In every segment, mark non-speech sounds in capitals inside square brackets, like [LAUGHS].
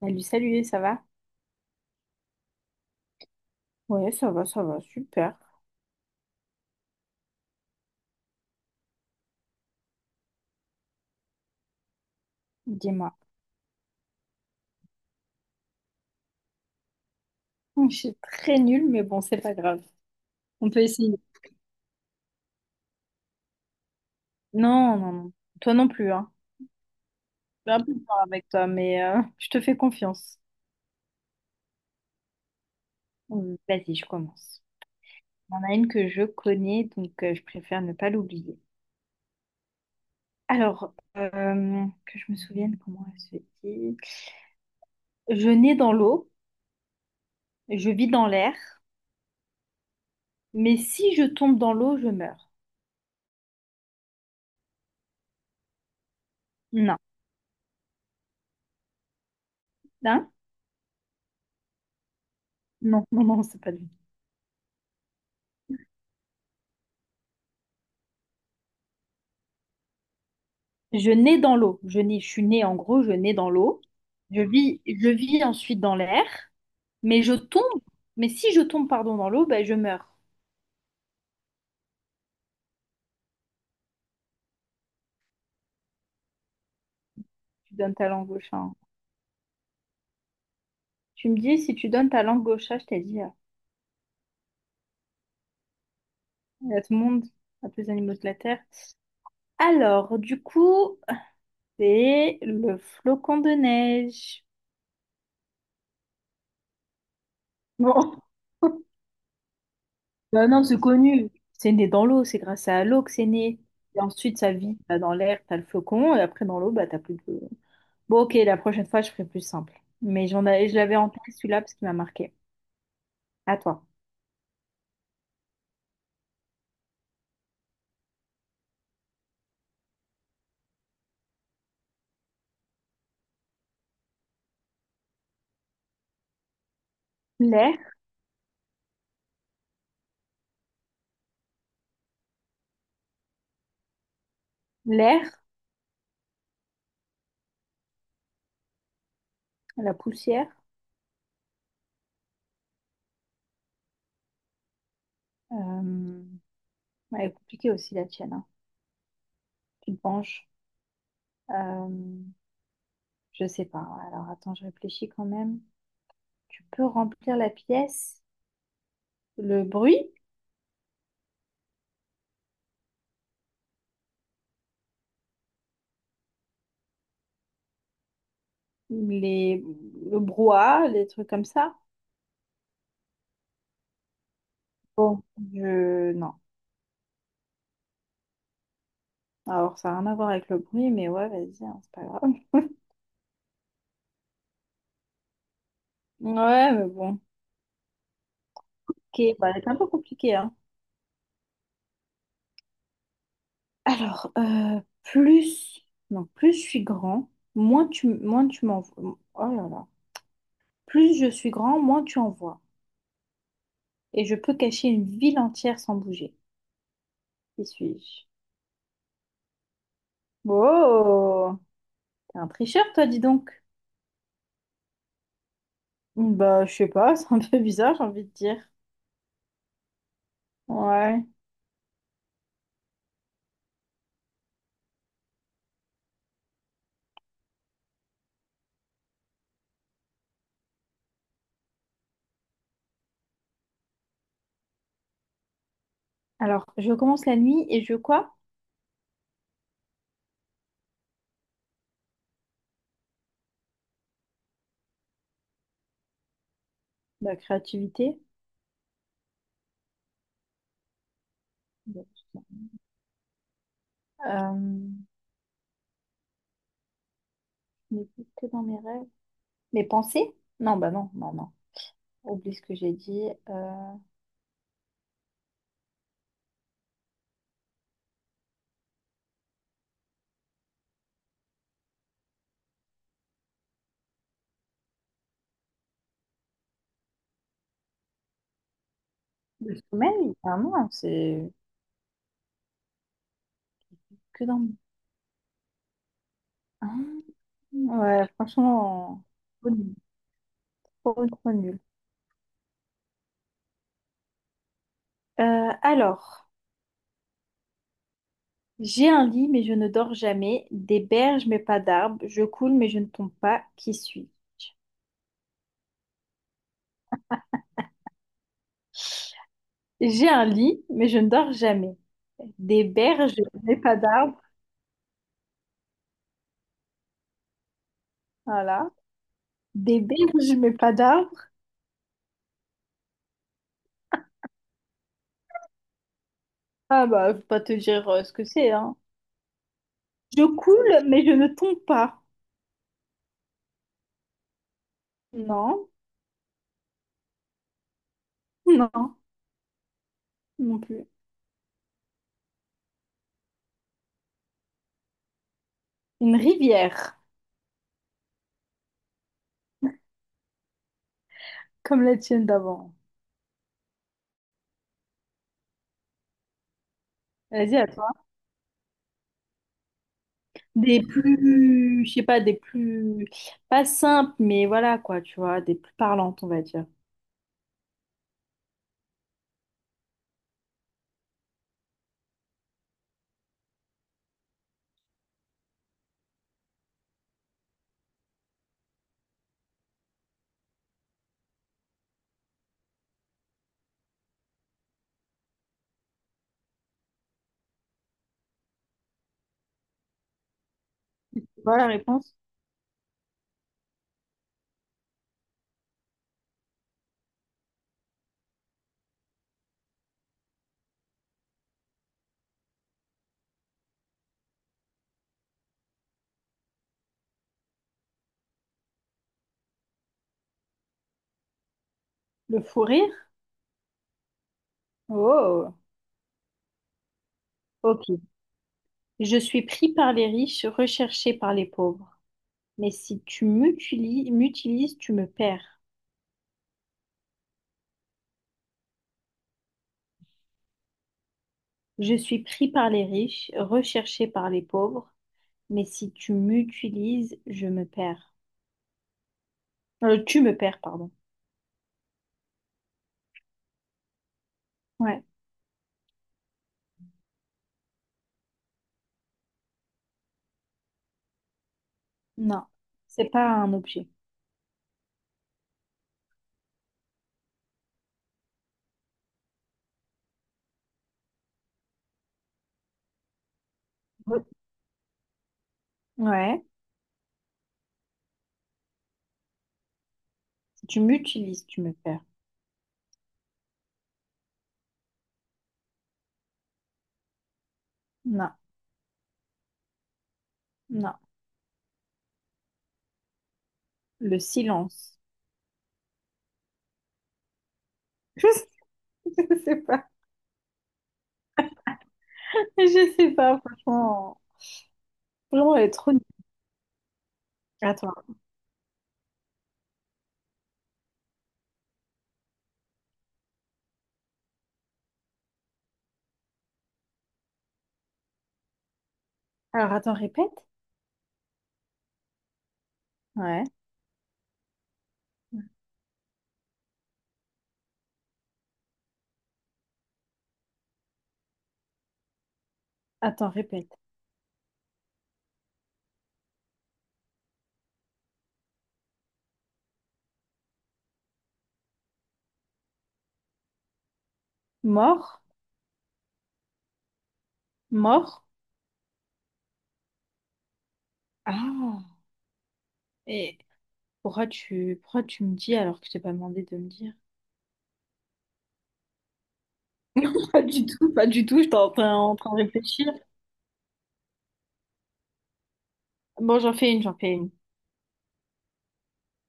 Salut, salut, ça va? Ouais, ça va, super. Dis-moi. [LAUGHS] Je suis très nulle, mais bon, c'est pas grave. On peut essayer. Non, non, non. Toi non plus, hein. Je suis un peu fort avec toi, mais je te fais confiance. Vas-y, je commence. Il y en a une que je connais, donc je préfère ne pas l'oublier. Alors, que je me souvienne comment elle se dit. Je nais dans l'eau, je vis dans l'air, mais si je tombe dans l'eau, je meurs. Non. Hein? Non, non, non, c'est pas lui. Je nais dans l'eau. Je nais, je suis née en gros, je nais dans l'eau. Je vis ensuite dans l'air, mais je tombe. Mais si je tombe, pardon, dans l'eau, ben je meurs. Tu donnes ta langue gauche, hein. Tu me dis, si tu donnes ta langue gauche, je t'ai dit, à tout le monde, à tous les animaux de la Terre. Alors, du coup, c'est le flocon de neige. Bon. [LAUGHS] Bah non, c'est connu. C'est né dans l'eau, c'est grâce à l'eau que c'est né. Et ensuite, ça vit bah, dans l'air, t'as le flocon, et après dans l'eau, bah t'as plus de… Bon, ok, la prochaine fois, je ferai plus simple. Mais j'en avais, je l'avais en tête celui-là parce qu'il m'a marqué. À toi. L'air, l'air, la poussière. Euh... ouais, elle est compliquée aussi la tienne, hein. Tu te penches. Euh... Je sais pas. Alors attends, je réfléchis quand même. Tu peux remplir la pièce, le bruit, les… le brouhaha, les trucs comme ça. Bon, Non. Alors, ça n'a rien à voir avec le bruit, mais ouais, vas-y, hein, c'est pas grave. Ouais, mais bon. Ok, bah, c'est un peu compliqué, hein. Alors, plus, non, plus je suis grand, moins tu m'envoies. Oh là là. Plus je suis grand, moins tu en vois. Et je peux cacher une ville entière sans bouger. Qui suis-je? Oh, t'es un tricheur, toi, dis donc. Bah, je sais pas, [LAUGHS] c'est un peu bizarre, j'ai envie de dire. Ouais. Alors, je commence la nuit et je quoi? La créativité. Euh, je n'existe que dans mes rêves. Mes pensées? Non, bah non, non, non. Oublie ce que j'ai dit. Euh, Le sommeil? Ah non, c'est que dans… Ah, ouais, franchement, trop nul. Trop, trop nul. Alors, j'ai un lit, mais je ne dors jamais. Des berges, mais pas d'arbres. Je coule, mais je ne tombe pas. Qui suis-je? J'ai un lit, mais je ne dors jamais. Des berges, mais pas d'arbres. Voilà. Des berges, mais pas d'arbres. Ah bah, je vais pas te dire ce que c'est, hein. Je coule, mais je ne tombe pas. Non, non, non plus. Une rivière. Comme la tienne d'avant. Vas-y, à toi. Des plus, je sais pas, des plus, pas simples, mais voilà quoi, tu vois, des plus parlantes, on va dire. Voilà la réponse. Le fou rire? Oh, ok. Je suis pris par les riches, recherché par les pauvres. Mais si m'utilises, tu me perds. Je suis pris par les riches, recherché par les pauvres. Mais si tu m'utilises, je me perds. Tu me perds, pardon. Ouais, non, c'est pas un objet. Ouais. Tu m'utilises, tu me perds. Non, non. Le silence. [LAUGHS] Je sais pas. Je sais pas, franchement. Franchement, elle est trop nulle. Attends. Alors, attends, répète. Ouais. Attends, répète. Mort, mort. Ah. Et pourquoi tu me dis alors que je t'ai pas demandé de me dire? [LAUGHS] Pas du tout, pas du tout. Je en train de réfléchir. Bon, j'en fais une, j'en fais une.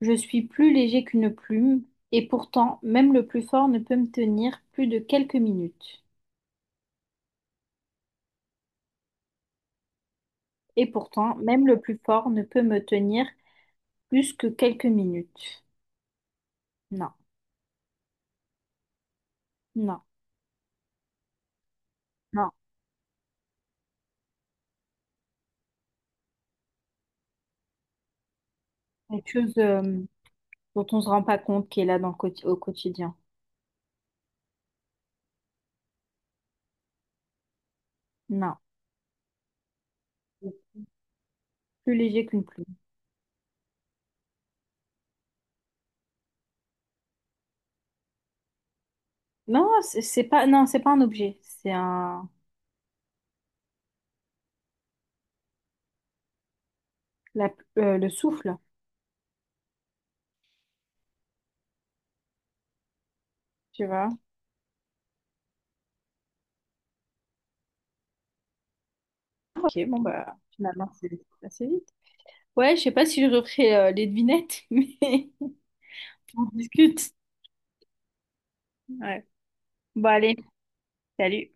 Je suis plus léger qu'une plume, et pourtant, même le plus fort ne peut me tenir plus de quelques minutes. Et pourtant, même le plus fort ne peut me tenir plus que quelques minutes. Non, non, non. Quelque chose dont on ne se rend pas compte qui est là dans au quotidien. Non. C'est plus léger qu'une plume. Non, c'est pas, non, c'est pas un objet. C'est le souffle, tu vois. Ok, bon, bah, finalement, c'est assez vite. Ouais, je sais pas si je referai les devinettes, [LAUGHS] mais on discute. Ouais. Bon, allez, salut.